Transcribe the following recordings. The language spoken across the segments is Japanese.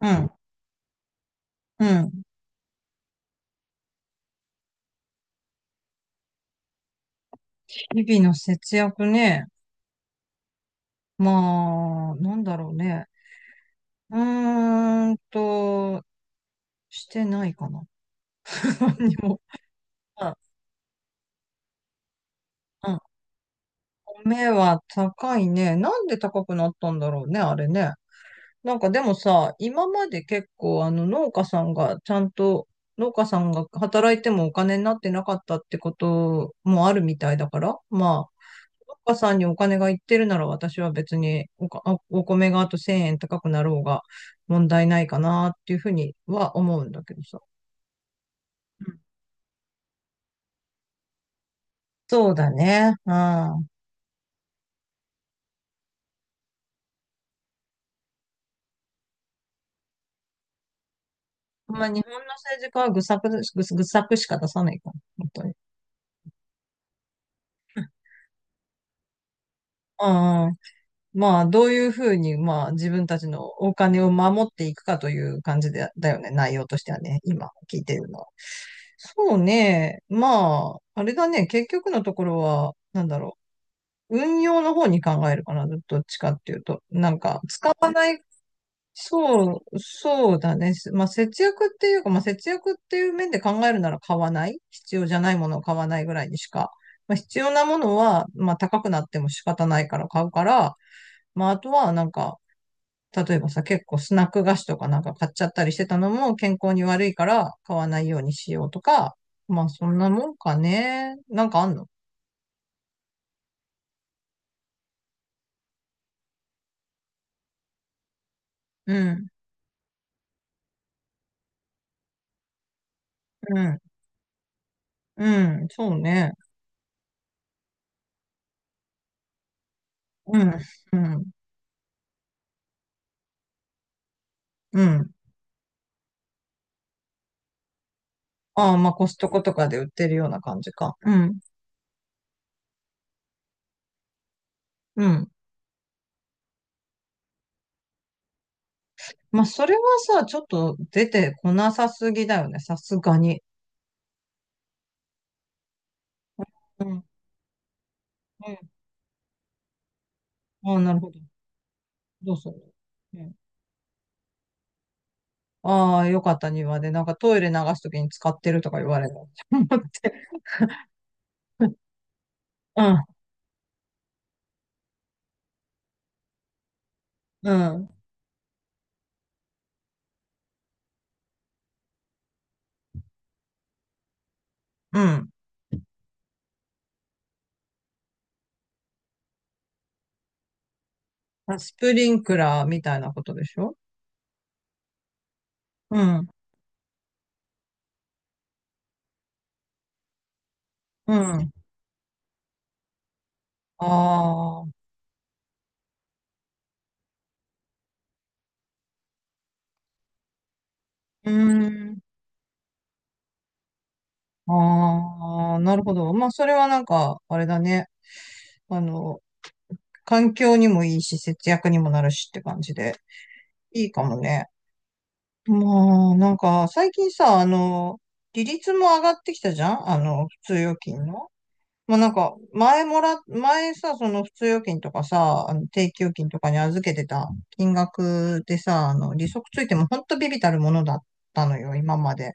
うん、うん。日々の節約ね。まあ、なんだろうね。うーんと、してないかな。何も。うん、うん。米は高いね。なんで高くなったんだろうね、あれね。なんかでもさ、今まで結構農家さんが働いてもお金になってなかったってこともあるみたいだから、まあ、農家さんにお金がいってるなら私は別にお米があと1000円高くなろうが問題ないかなっていうふうには思うんだけどさ。うん、そうだね。うん。まあ日本の政治家は愚策で、愚愚策しか出さないから、本当に。うん、うん。まあどういうふうに、まあ自分たちのお金を守っていくかという感じで、だよね。内容としてはね、今聞いてるのは。そうね。まあ、あれだね。結局のところは、なんだろう。運用の方に考えるかな、どっちかっていうと。なんか、そう、そうだね。まあ、節約っていうか、まあ、節約っていう面で考えるなら買わない。必要じゃないものを買わないぐらいにしか。まあ、必要なものは、まあ、高くなっても仕方ないから買うから、まあ、あとは、なんか、例えばさ、結構スナック菓子とかなんか買っちゃったりしてたのも健康に悪いから買わないようにしようとか、まあ、そんなもんかね。なんかあんの？うん、うん、うん、そうね。うん、うん。うん。ああ、まあコストコとかで売ってるような感じか。うん。うん。まあそれはさ、ちょっと出てこなさすぎだよね。さすがに。うん。うん。ああ、なるほど。どうする？うん。ああ、よかった。庭で、なんかトイレ流すときに使ってるとか言われる。思って。うん。うん。うん。まあスプリンクラーみたいなことでしょ？うん。うん。ああ。うーん。ああ、なるほど。まあ、それはなんか、あれだね。あの、環境にもいいし、節約にもなるしって感じで、いいかもね。まあ、なんか、最近さ、利率も上がってきたじゃん。普通預金の。まあなんか、前もら、前さ、その普通預金とかさ、あの定期預金とかに預けてた金額でさ、利息ついてもほんとビビたるものだったのよ、今まで。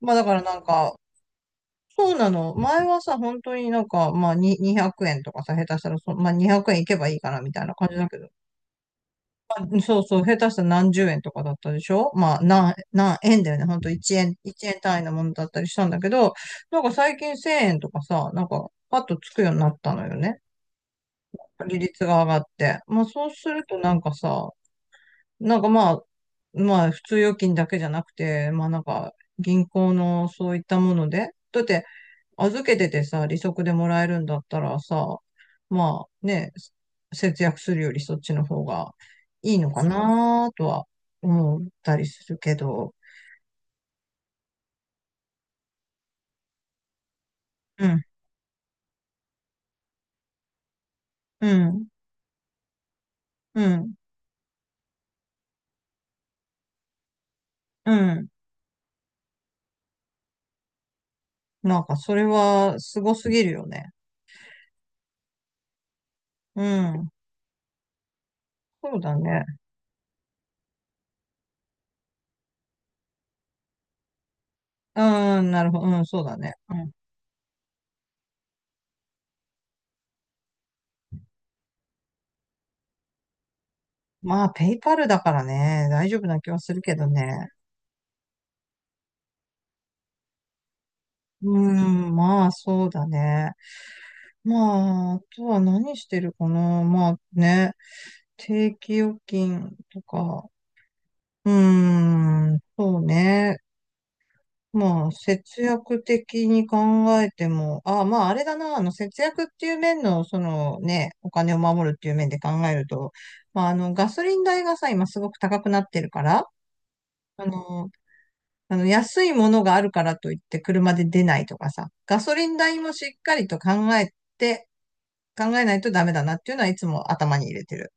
まあだからなんか、そうなの。前はさ、本当になんか、まあに200円とかさ、下手したらまあ200円いけばいいかなみたいな感じだけど、そうそう、下手したら何十円とかだったでしょ？まあ、何円だよね。ほんと1円、1円単位のものだったりしたんだけど、なんか最近1000円とかさ、なんかパッとつくようになったのよね。利率が上がって。まあそうするとなんかさ、なんかまあ、普通預金だけじゃなくて、まあなんか、銀行のそういったもので、だって、預けててさ、利息でもらえるんだったらさ、まあね、節約するよりそっちの方がいいのかなとは思ったりするけど、うん、うん、うん、うん。なんかそれはすごすぎるよね。うん、そうだね。うん、なるほど、うん、そうだね。うん。まあ、ペイパルだからね、大丈夫な気はするけどね。うーまあ、そうだね。まあ、あとは何してるかな。まあね、定期預金とか、そうね。まあ、節約的に考えても、あ、まあ、あれだな、節約っていう面の、そのね、お金を守るっていう面で考えると、まあ、ガソリン代がさ、今すごく高くなってるから、あの、安いものがあるからといって車で出ないとかさ、ガソリン代もしっかりとえて、考えないとダメだなっていうのはいつも頭に入れてる。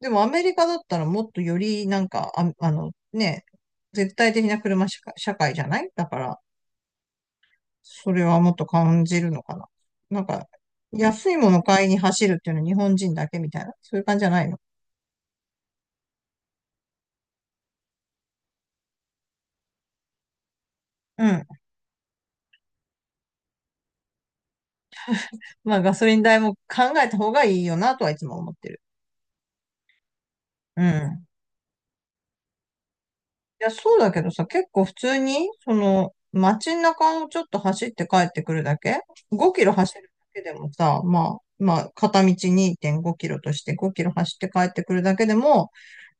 でもアメリカだったらもっとよりなんか、あのね、絶対的な車社会じゃないだから、それはもっと感じるのかな。なんか、安いもの買いに走るっていうのは日本人だけみたいな、そういう感じじゃないの。うん。まあガソリン代も考えた方がいいよなとはいつも思ってる。うん。いや、そうだけどさ、結構普通に、街中をちょっと走って帰ってくるだけ ?5 キロ走るだけでもさ、まあ、片道2.5キロとして5キロ走って帰ってくるだけでも、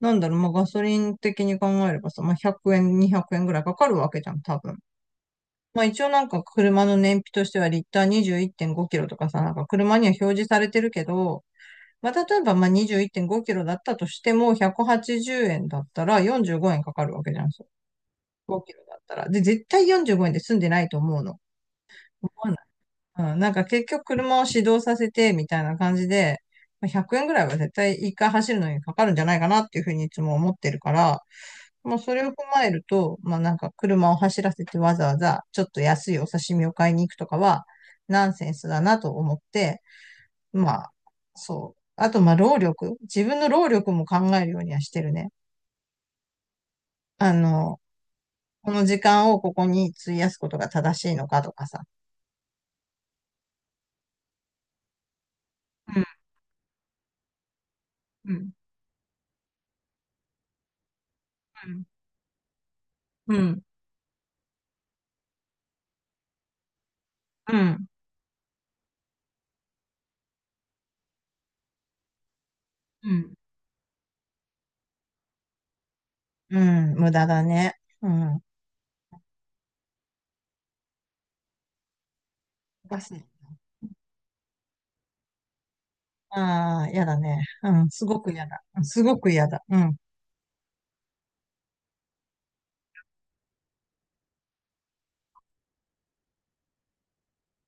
なんだろう、まあ、ガソリン的に考えればさ、まあ、100円、200円ぐらいかかるわけじゃん、多分。まあ、一応なんか車の燃費としてはリッター21.5キロとかさ、なんか車には表示されてるけど、まあ、例えばまあ21.5キロだったとしても、180円だったら45円かかるわけじゃん。5キロだったら。で、絶対45円で済んでないと思うの。思わない。うん、なんか結局車を始動させてみたいな感じで、まあ100円ぐらいは絶対一回走るのにかかるんじゃないかなっていうふうにいつも思ってるから、まあそれを踏まえると、まあなんか車を走らせてわざわざちょっと安いお刺身を買いに行くとかはナンセンスだなと思って、まあそう。あとまあ労力。自分の労力も考えるようにはしてるね。あの、この時間をここに費やすことが正しいのかとかさ。うん。うん。うん。うん。うん、無駄だね。うん。おかしい。ああ、嫌だね。うん、すごく嫌だ。すごく嫌だ。うん、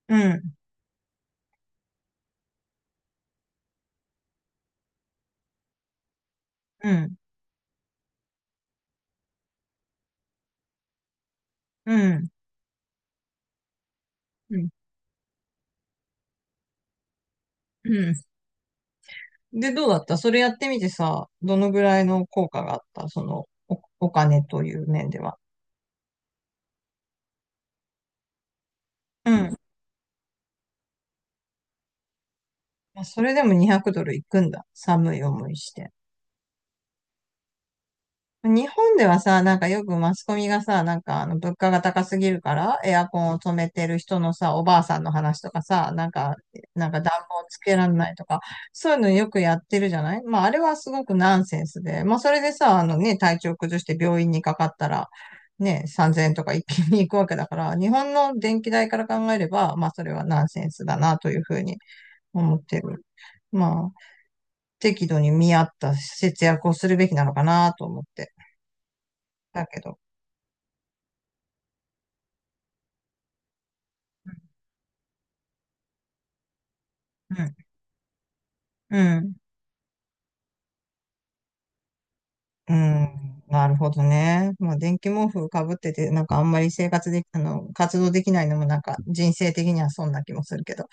うん、うん、うん、うん。うん。で、どうだったそれやってみてさ、どのぐらいの効果があったその、お金という面では。うん。まあそれでも200ドルいくんだ。寒い思いして。日本ではさ、なんかよくマスコミがさ、なんか物価が高すぎるから、エアコンを止めてる人のさ、おばあさんの話とかさ、なんか暖房つけられないとか、そういうのよくやってるじゃない。まああれはすごくナンセンスで、まあそれでさ、あのね、体調崩して病院にかかったら、ね、3000円とか一気に行くわけだから、日本の電気代から考えれば、まあそれはナンセンスだなというふうに思ってる。まあ、適度に見合った節約をするべきなのかなと思って。だけど。うん。うん。なるほどね。まあ、電気毛布かぶってて、なんかあんまり生活で、活動できないのもなんか人生的にはそんな気もするけど。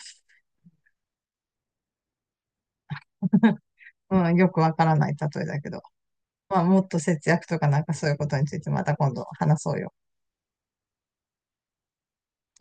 うん。よくわからない例えだけど。まあ、もっと節約とかなんかそういうことについてまた今度話そうよ。